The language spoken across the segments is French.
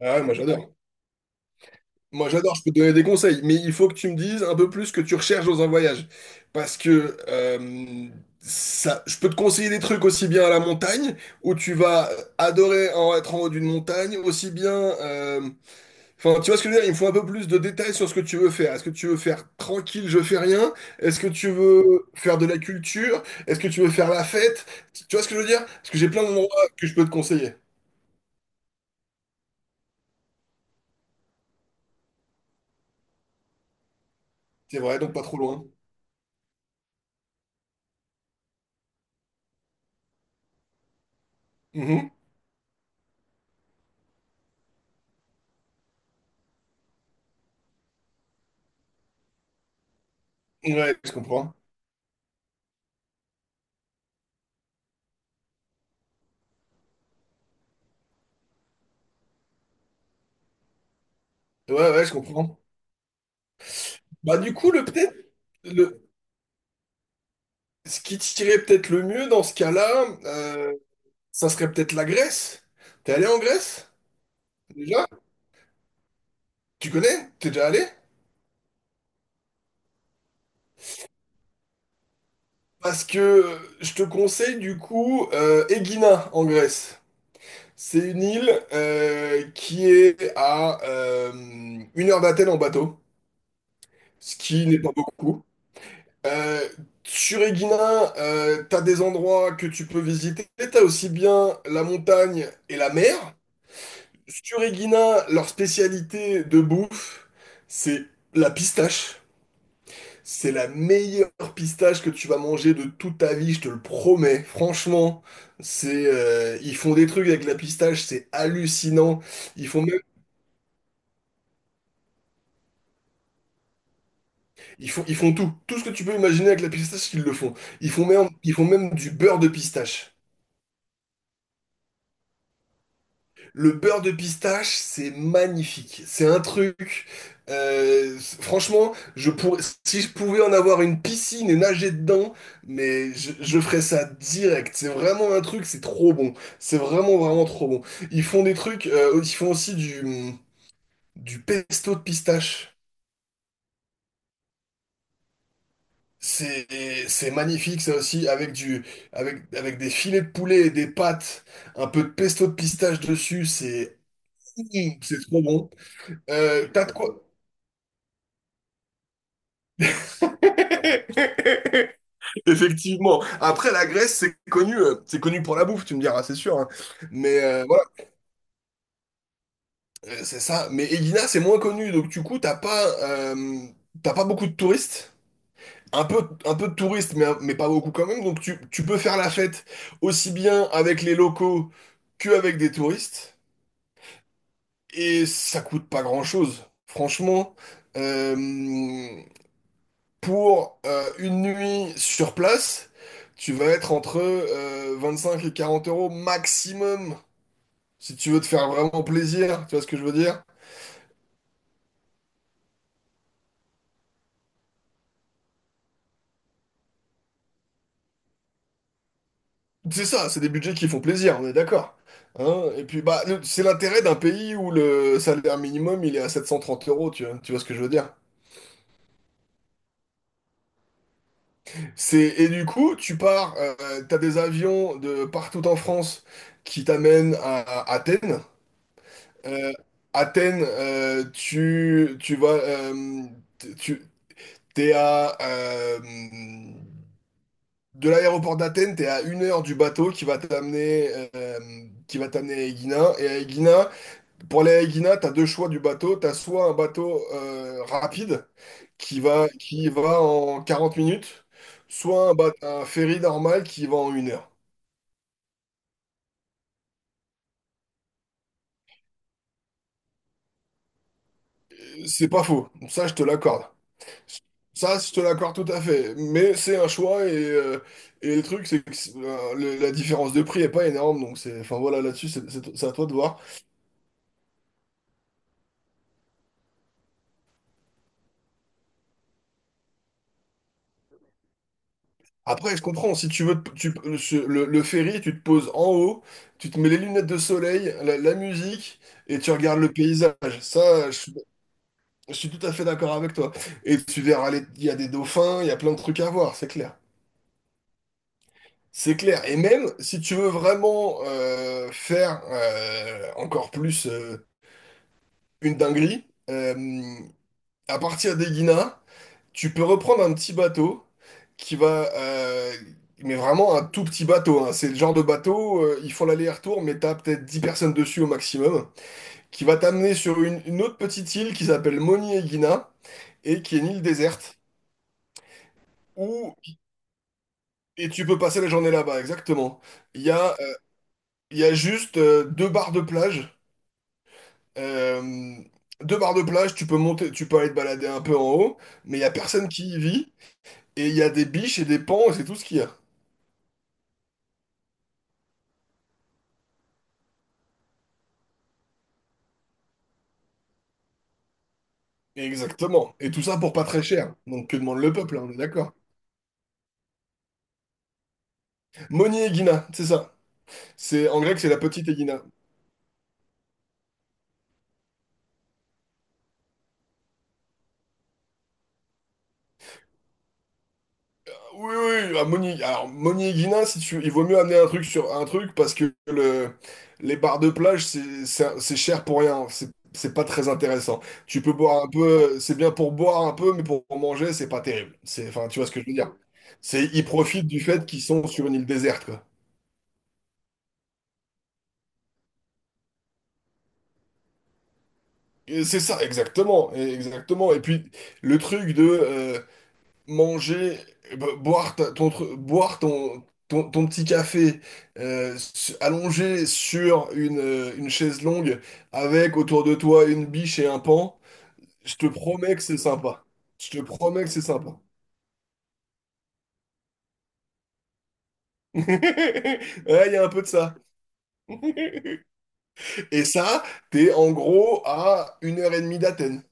Ah ouais, moi j'adore. Moi j'adore, je peux te donner des conseils, mais il faut que tu me dises un peu plus ce que tu recherches dans un voyage. Parce que ça, je peux te conseiller des trucs aussi bien à la montagne, où tu vas adorer en être en haut d'une montagne, aussi bien, euh, enfin, tu vois ce que je veux dire? Il me faut un peu plus de détails sur ce que tu veux faire. Est-ce que tu veux faire tranquille, je fais rien? Est-ce que tu veux faire de la culture? Est-ce que tu veux faire la fête? Tu vois ce que je veux dire? Parce que j'ai plein d'endroits que je peux te conseiller. C'est vrai, donc pas trop loin. Mhm. Ouais, je comprends. Ouais, ouais, je comprends. Bah, du coup, le, ce qui tirait peut-être le mieux dans ce cas-là, ça serait peut-être la Grèce. T'es allé en Grèce? Déjà? Tu connais? T'es déjà allé? Parce que je te conseille, du coup, Egina, en Grèce. C'est une île qui est à 1 heure d'Athènes en bateau, ce qui n'est pas beaucoup. Euh, Sur Egina, t'as des endroits que tu peux visiter. T'as aussi bien la montagne et la mer. Stureguina, leur spécialité de bouffe, c'est la pistache. C'est la meilleure pistache que tu vas manger de toute ta vie, je te le promets. Franchement, c'est ils font des trucs avec la pistache, c'est hallucinant. Ils font même, ils font tout, tout ce que tu peux imaginer avec la pistache, ils le font. Ils font même du beurre de pistache. Le beurre de pistache, c'est magnifique. C'est un truc. Franchement, je pourrais, si je pouvais en avoir une piscine et nager dedans, mais je ferais ça direct. C'est vraiment un truc, c'est trop bon. C'est vraiment, vraiment trop bon. Ils font des trucs, ils font aussi du pesto de pistache. C'est, c'est magnifique, ça aussi, avec des filets de poulet et des pâtes, un peu de pesto de pistache dessus, c'est trop bon. T'as de quoi? Effectivement. Après, la Grèce, c'est connu pour la bouffe, tu me diras, c'est sûr, hein. Mais voilà, c'est ça. Mais Elina, c'est moins connu, donc du coup, t'as pas beaucoup de touristes. Un peu de touristes, mais pas beaucoup quand même. Donc tu peux faire la fête aussi bien avec les locaux qu'avec des touristes. Et ça coûte pas grand-chose. Franchement, euh, pour une nuit sur place, tu vas être entre 25 et 40 euros maximum, si tu veux te faire vraiment plaisir, tu vois ce que je veux dire? C'est ça, c'est des budgets qui font plaisir, on est d'accord. Hein. Et puis bah c'est l'intérêt d'un pays où le salaire minimum il est à 730 euros, tu vois ce que je veux dire? C'est Et du coup tu pars, t'as des avions de partout en France qui t'amènent à Athènes. Euh, Athènes, tu, T'es à, euh, de l'aéroport d'Athènes, t'es à 1 heure du bateau qui va t'amener euh, à Aegina. Et à Aegina, pour aller à Aegina, t'as deux choix du bateau. T'as soit un bateau rapide qui va en 40 minutes, soit un ferry normal qui va en 1 heure. C'est pas faux, ça je te l'accorde. Ça, je te l'accorde tout à fait. Mais c'est un choix et le truc, c'est que la différence de prix est pas énorme. Donc, enfin voilà, là-dessus, c'est à toi de voir. Après, je comprends, si tu veux, le ferry, tu te poses en haut, tu te mets les lunettes de soleil, la musique, et tu regardes le paysage. Ça, je suis tout à fait d'accord avec toi. Et tu verras, il y a des dauphins, il y a plein de trucs à voir, c'est clair. C'est clair. Et même si tu veux vraiment faire encore plus une dinguerie, à partir des Guinées. Tu peux reprendre un petit bateau qui va, mais vraiment un tout petit bateau, hein. C'est le genre de bateau, ils font l'aller-retour, mais t'as peut-être 10 personnes dessus au maximum, qui va t'amener sur une autre petite île qui s'appelle Moni Egina et qui est une île déserte où et tu peux passer la journée là-bas, exactement. Il y a, euh, il y a juste deux barres de plage. Euh, Deux barres de plage, tu peux monter, tu peux aller te balader un peu en haut, mais il y a personne qui y vit et il y a des biches et des pans et c'est tout ce qu'il y a. Exactement. Et tout ça pour pas très cher. Donc que demande le peuple, hein, on est d'accord. Moni Egina, c'est ça. C'est en grec, c'est la petite Egina. Oui, oui, oui. Ah, Moni. Alors Moni Egina, si tu, il vaut mieux amener un truc sur un truc parce que les bars de plage c'est cher pour rien. C'est pas très intéressant. Tu peux boire un peu, c'est bien pour boire un peu, mais pour manger c'est pas terrible. C'est Enfin, tu vois ce que je veux dire. C'est Ils profitent du fait qu'ils sont sur une île déserte quoi. Et c'est ça, exactement, exactement. Et puis le truc de, manger, boire ton petit café allongé sur une chaise longue avec autour de toi une biche et un pan, je te promets que c'est sympa. Je te promets que c'est sympa. Ouais, il y a un peu de ça. Et ça, t'es en gros à 1 heure et demie d'Athènes.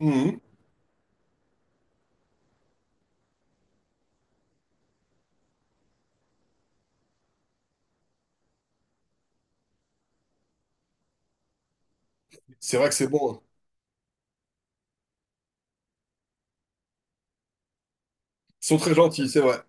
Mhm. C'est vrai que c'est bon, hein. Ils sont très gentils, c'est vrai.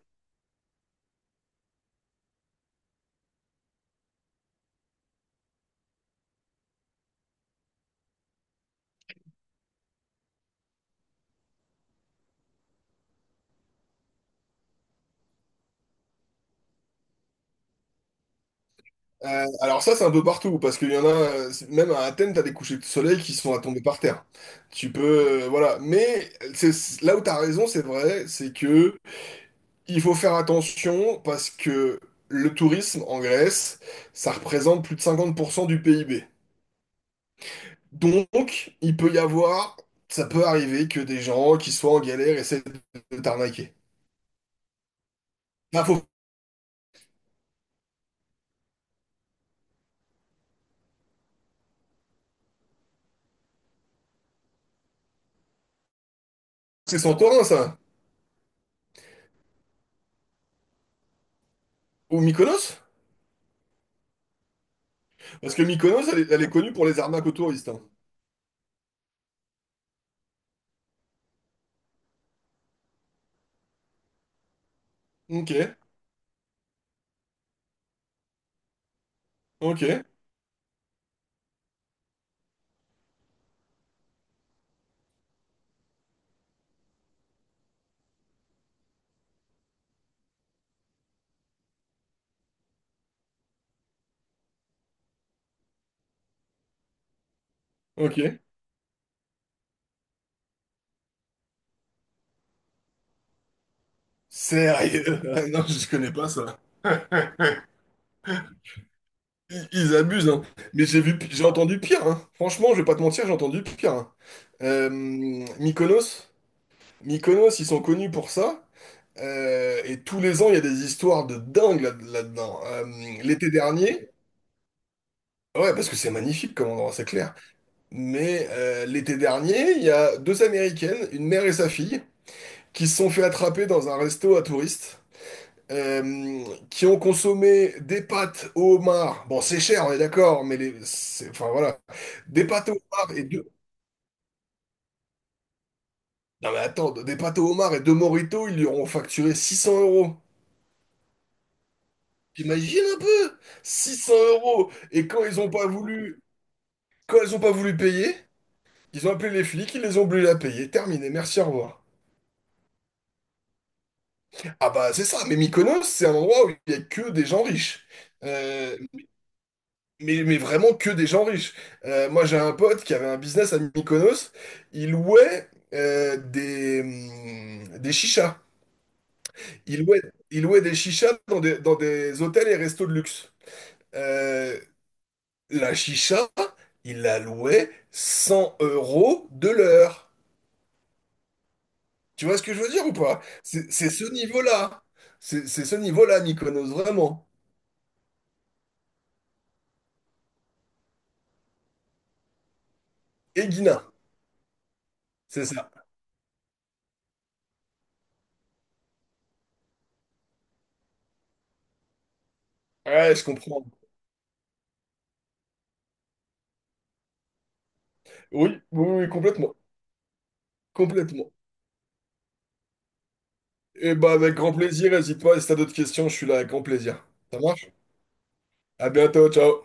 Alors ça, c'est un peu partout, parce qu'il y en a, même à Athènes, t'as des couchers de soleil qui sont à tomber par terre. Tu peux, voilà. Mais là où t'as raison, c'est vrai, c'est que il faut faire attention, parce que le tourisme en Grèce, ça représente plus de 50% du PIB. Donc, il peut y avoir, ça peut arriver que des gens qui soient en galère essaient de t'arnaquer. Bah, faut c'est Santorin, ça. Ou Mykonos? Parce que Mykonos, elle est connue pour les arnaques aux touristes, hein. Ok, ok. Ok. Sérieux? Non, je connais pas ça. Ils abusent, hein. Mais j'ai entendu pire, hein. Franchement, je vais pas te mentir, j'ai entendu pire, hein. Euh, Mykonos, Mykonos, ils sont connus pour ça. Et tous les ans, il y a des histoires de dingue là-dedans. L'été dernier, ouais, parce que c'est magnifique comme endroit, c'est clair. Mais l'été dernier, il y a deux Américaines, une mère et sa fille, qui se sont fait attraper dans un resto à touristes, qui ont consommé des pâtes au homard. Bon, c'est cher, on est d'accord, mais enfin voilà, des pâtes au homard et deux. Non mais attends, des pâtes au homard et deux mojitos, ils lui auront facturé 600 euros. T'imagines un peu? 600 euros. Et quand ils ont pas voulu payer, ils ont appelé les flics, ils les ont obligés à payer. Terminé, merci, au revoir. Ah bah c'est ça, mais Mykonos, c'est un endroit où il y a que des gens riches. Euh, mais vraiment que des gens riches. Moi, j'ai un pote qui avait un business à Mykonos. Il louait des chichas. Il louait, il louait des chichas dans des hôtels et restos de luxe. Euh, la chicha, il la louait 100 euros de l'heure. Tu vois ce que je veux dire ou pas? C'est ce niveau-là. C'est ce niveau-là, Mykonos, vraiment. Et Guina, c'est ça. Ouais, je comprends. Oui, oui, oui, complètement. Complètement. Eh ben, avec grand plaisir. N'hésite pas, si t'as d'autres questions, je suis là avec grand plaisir. Ça marche? À bientôt, ciao.